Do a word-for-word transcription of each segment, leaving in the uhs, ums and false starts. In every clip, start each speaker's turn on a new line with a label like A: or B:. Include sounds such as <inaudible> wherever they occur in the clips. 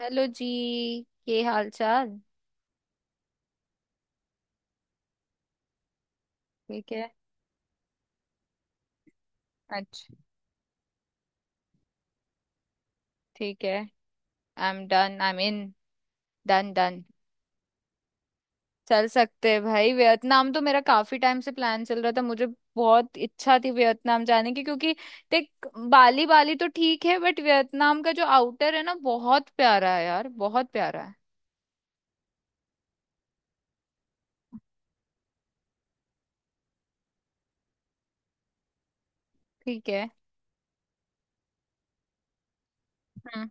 A: Hello जी। ये हाल चाल ठीक है। अच्छा। ठीक है। I am done, I am in. Done done. चल सकते हैं भाई, वियतनाम तो मेरा काफी टाइम से प्लान चल रहा था। मुझे बहुत इच्छा थी वियतनाम जाने की, क्योंकि देख, बाली बाली तो ठीक है बट वियतनाम का जो आउटर है ना, बहुत प्यारा है यार, बहुत प्यारा है। ठीक है। हम्म।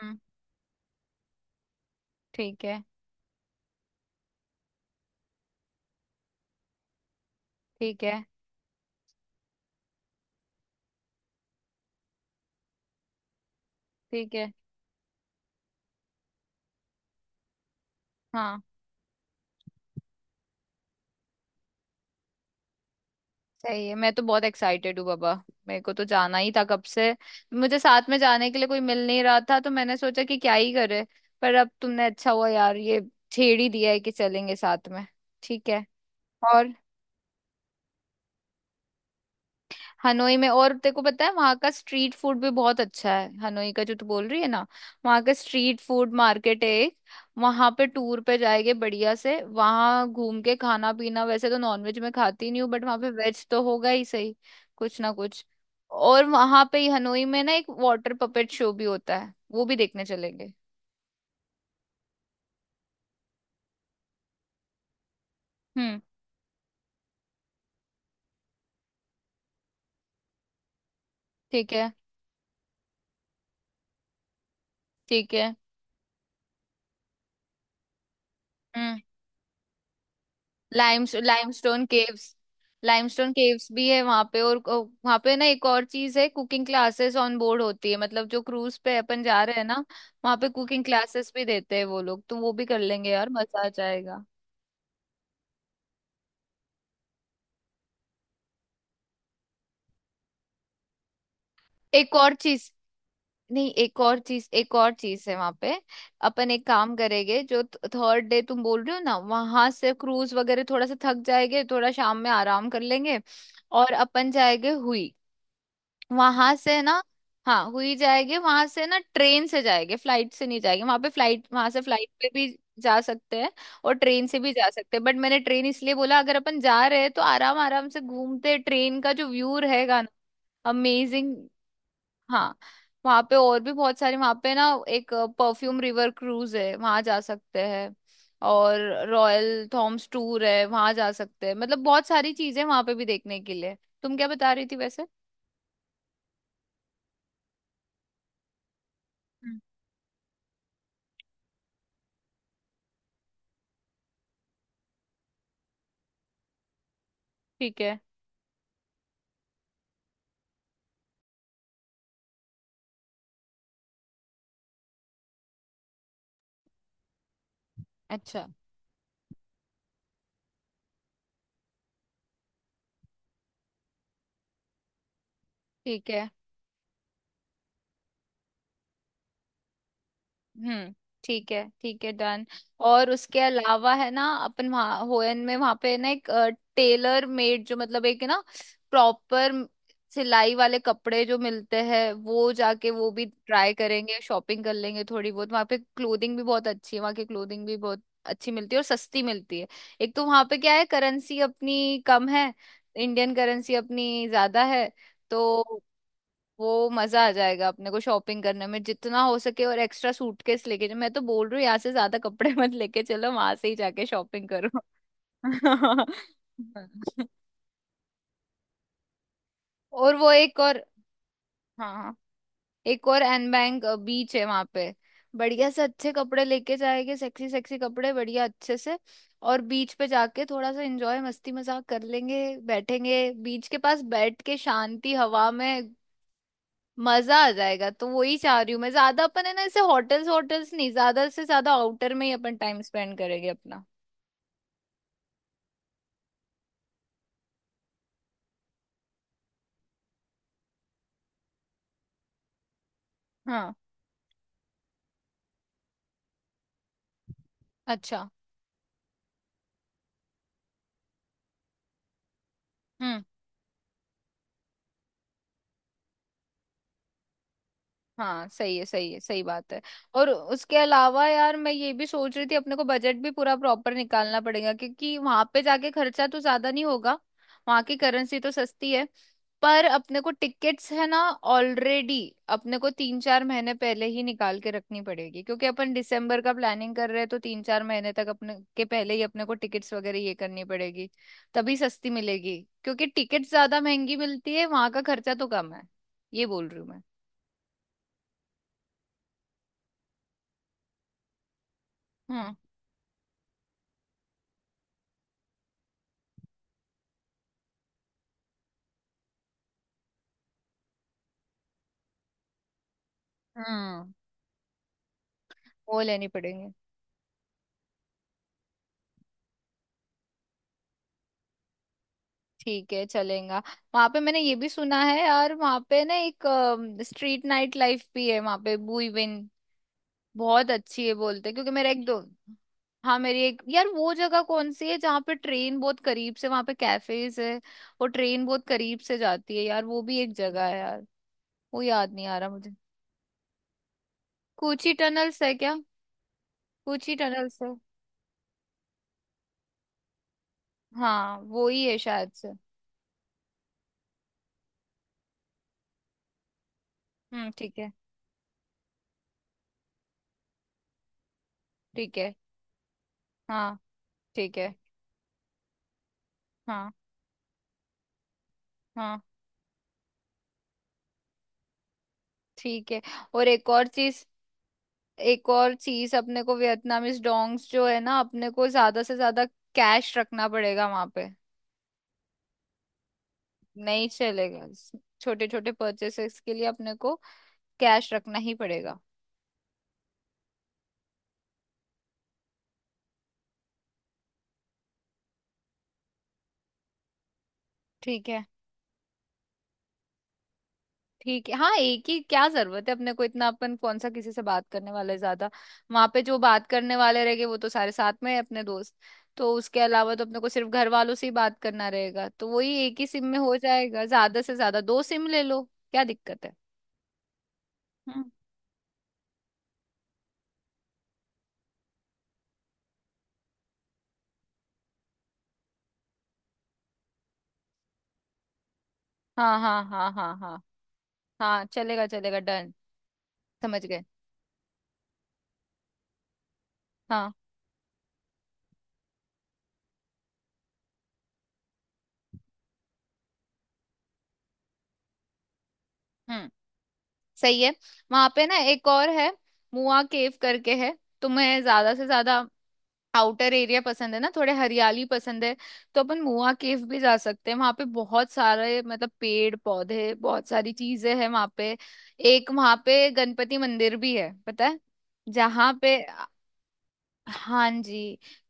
A: हम्म। ठीक है। ठीक है। ठीक है। हाँ सही है, मैं तो बहुत एक्साइटेड हूँ बाबा। मेरे को तो जाना ही था कब से, मुझे साथ में जाने के लिए कोई मिल नहीं रहा था, तो मैंने सोचा कि क्या ही करे। पर अब तुमने अच्छा हुआ यार, ये छेड़ ही दिया है कि चलेंगे साथ में। ठीक है। और हनोई में, और तेरे को पता है वहां का स्ट्रीट फूड भी बहुत अच्छा है, हनोई का जो तू बोल रही है ना, वहां का स्ट्रीट फूड मार्केट है एक, वहां पे टूर पे जाएंगे, बढ़िया से वहां घूम के खाना पीना। वैसे तो नॉनवेज में खाती नहीं हूँ बट वहां पे वेज तो होगा ही सही, कुछ ना कुछ। और वहां पे ही हनोई में ना एक वाटर पपेट शो भी होता है, वो भी देखने चलेंगे। हम्म। ठीक है। ठीक है। हम्म। Limes limestone caves, limestone caves भी है वहां पे। और वहां पे ना एक और चीज है, कुकिंग क्लासेस ऑन बोर्ड होती है, मतलब जो क्रूज पे अपन जा रहे हैं ना, वहां पे कुकिंग क्लासेस भी देते हैं वो लोग, तो वो भी कर लेंगे यार, मजा आ जाएगा। एक और चीज, नहीं एक और चीज, एक और चीज है वहां पे। अपन एक काम करेंगे जो थर्ड डे तुम बोल रहे हो ना, वहां से क्रूज वगैरह थोड़ा सा थक जाएंगे, थोड़ा शाम में आराम कर लेंगे। और अपन जाएंगे हुई, वहां से ना। हाँ हुई जाएगी, वहां से ना ट्रेन से जाएंगे, फ्लाइट से नहीं जाएंगे। वहां पे फ्लाइट, वहां से फ्लाइट पे भी जा सकते हैं और ट्रेन से भी जा सकते हैं, बट मैंने ट्रेन इसलिए बोला, अगर अपन जा रहे हैं तो आराम आराम से घूमते, ट्रेन का जो व्यू रहेगा ना, अमेजिंग। हाँ। वहां पे और भी बहुत सारे, वहां पे ना एक परफ्यूम रिवर क्रूज है, वहां जा सकते हैं। और रॉयल थॉम्स टूर है, वहां जा सकते हैं। मतलब बहुत सारी चीजें वहां पे भी देखने के लिए। तुम क्या बता रही थी वैसे। हम्म। ठीक है। अच्छा। ठीक है। हम्म। ठीक है ठीक है डन। और उसके अलावा है ना, अपन वहाँ होयन में, वहाँ पे ना एक टेलर मेड, जो मतलब एक ना प्रॉपर सिलाई वाले कपड़े जो मिलते हैं, वो जाके वो भी ट्राई करेंगे, शॉपिंग कर लेंगे थोड़ी बहुत। वहाँ पे क्लोथिंग भी बहुत अच्छी है, वहाँ की क्लोथिंग भी बहुत अच्छी मिलती है और सस्ती मिलती है। एक तो वहाँ पे क्या है, करेंसी अपनी कम है, इंडियन करेंसी अपनी ज्यादा है। तो वो मजा आ जाएगा अपने को शॉपिंग करने में। जितना हो सके और एक्स्ट्रा सूटकेस लेके, मैं तो बोल रही हूँ यहाँ से ज्यादा कपड़े <laughs> मत लेके चलो, वहां से ही जाके शॉपिंग करो। <laughs> और वो एक और, हाँ हाँ, एक और एनबैंग बीच है वहां पे, बढ़िया से अच्छे कपड़े लेके जाएंगे, सेक्सी सेक्सी कपड़े बढ़िया अच्छे से। और बीच पे जाके थोड़ा सा एंजॉय, मस्ती मजाक कर लेंगे, बैठेंगे बीच के पास बैठ के शांति हवा में, मजा आ जाएगा। तो वही चाह रही हूँ मैं, ज्यादा अपन है ना ऐसे होटल्स, होटल्स नहीं ज्यादा से ज्यादा, आउटर में ही अपन टाइम स्पेंड करेंगे अपना। हाँ अच्छा। हम्म। हाँ सही है, सही है, सही बात है। और उसके अलावा यार, मैं ये भी सोच रही थी, अपने को बजट भी पूरा प्रॉपर निकालना पड़ेगा, क्योंकि वहां पे जाके खर्चा तो ज्यादा नहीं होगा, वहां की करेंसी तो सस्ती है। पर अपने को टिकट्स है ना ऑलरेडी, अपने को तीन चार महीने पहले ही निकाल के रखनी पड़ेगी, क्योंकि अपन दिसंबर का प्लानिंग कर रहे हैं, तो तीन चार महीने तक अपने के पहले ही अपने को टिकट्स वगैरह ये करनी पड़ेगी, तभी सस्ती मिलेगी। क्योंकि टिकट्स ज्यादा महंगी मिलती है, वहां का खर्चा तो कम है, ये बोल रही हूँ मैं। हम्म। हम्म। वो लेनी पड़ेंगे। ठीक है चलेगा। वहां पे मैंने ये भी सुना है यार, वहां पे ना एक स्ट्रीट नाइट लाइफ भी है वहां पे, बुईविन बहुत अच्छी है बोलते हैं, क्योंकि मेरा एक दो, हाँ मेरी एक यार, वो जगह कौन सी है जहाँ पे ट्रेन बहुत करीब से, वहां पे कैफेज है और ट्रेन बहुत करीब से जाती है यार, वो भी एक जगह है यार, वो याद नहीं आ रहा मुझे। कूची टनल्स है क्या, कूची टनल्स है। हाँ वो ही है शायद से। हम्म। ठीक है। ठीक है। हाँ। ठीक है। हाँ हाँ। ठीक है। और एक और चीज, एक और चीज अपने को वियतनामीज डोंग्स जो है ना, अपने को ज्यादा से ज्यादा कैश रखना पड़ेगा वहां पे, नहीं चलेगा। छोटे छोटे परचेसेस के लिए अपने को कैश रखना ही पड़ेगा। ठीक है। ठीक है हाँ एक ही, क्या जरूरत है अपने को इतना, अपन कौन सा किसी से बात करने वाले ज्यादा। वहां पे जो बात करने वाले रहेंगे वो तो सारे साथ में है अपने दोस्त, तो उसके अलावा तो अपने को सिर्फ घर वालों से ही बात करना रहेगा, तो वही एक ही सिम में हो जाएगा, ज्यादा से ज्यादा दो सिम ले लो, क्या दिक्कत है। हम्म, हाँ हाँ हाँ हाँ हाँ। हाँ चलेगा चलेगा डन। समझ गए। हाँ। हम्म सही है। वहां पे ना एक और है, मुआ केव करके है। तुम्हें ज्यादा से ज्यादा आउटर एरिया पसंद है ना, थोड़े हरियाली पसंद है, तो अपन मुआ केव भी जा सकते हैं। वहां पे बहुत सारे, मतलब पेड़ पौधे, बहुत सारी चीजें हैं वहां पे। एक वहां पे गणपति मंदिर भी है पता है, जहाँ पे, हाँ जी,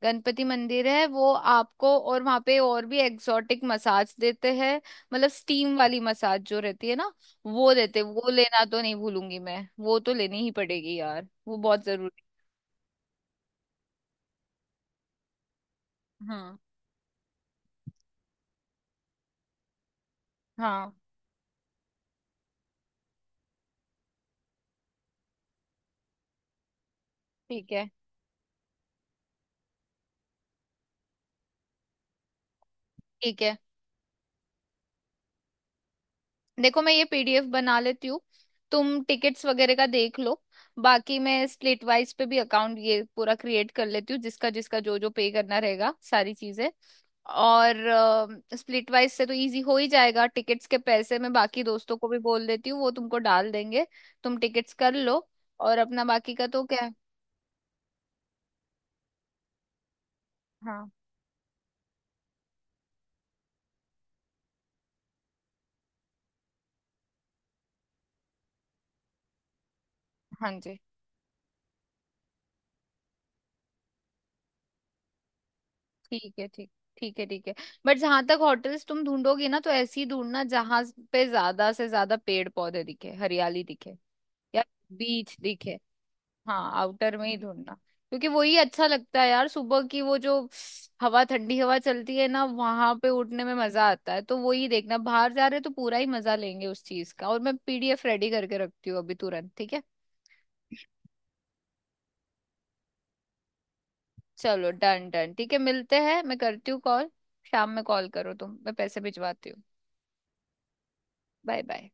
A: गणपति मंदिर है वो आपको। और वहाँ पे और भी एक्सोटिक मसाज देते हैं, मतलब स्टीम वाली मसाज जो रहती है ना, वो देते, वो लेना तो नहीं भूलूंगी मैं, वो तो लेनी ही पड़ेगी यार, वो बहुत जरूरी। हाँ हाँ। ठीक है। ठीक है, देखो मैं ये पीडीएफ बना लेती हूँ, तुम टिकट्स वगैरह का देख लो। बाकी मैं स्प्लिट वाइज पे भी अकाउंट ये पूरा क्रिएट कर लेती हूँ, जिसका जिसका जो जो पे करना रहेगा सारी चीजें। और स्प्लिट वाइज से तो इजी हो ही जाएगा, टिकट्स के पैसे मैं बाकी दोस्तों को भी बोल देती हूँ, वो तुमको डाल देंगे। तुम टिकट्स कर लो, और अपना बाकी का तो क्या है। हाँ। हाँ जी। ठीक है ठीक, ठीक है ठीक है। बट जहां तक होटल्स तुम ढूंढोगी ना, तो ऐसी ढूंढना जहां पे ज्यादा से ज्यादा पेड़ पौधे दिखे, हरियाली दिखे या बीच दिखे। हाँ आउटर में ही ढूंढना, क्योंकि वही अच्छा लगता है यार, सुबह की वो जो हवा, ठंडी हवा चलती है ना वहां पे, उठने में मजा आता है, तो वही देखना। बाहर जा रहे हैं तो पूरा ही मजा लेंगे उस चीज का। और मैं पीडीएफ रेडी करके रखती हूँ अभी तुरंत, ठीक है। चलो डन डन, ठीक है मिलते हैं, मैं करती हूँ कॉल। शाम में कॉल करो तुम, मैं पैसे भिजवाती हूँ। Bye bye.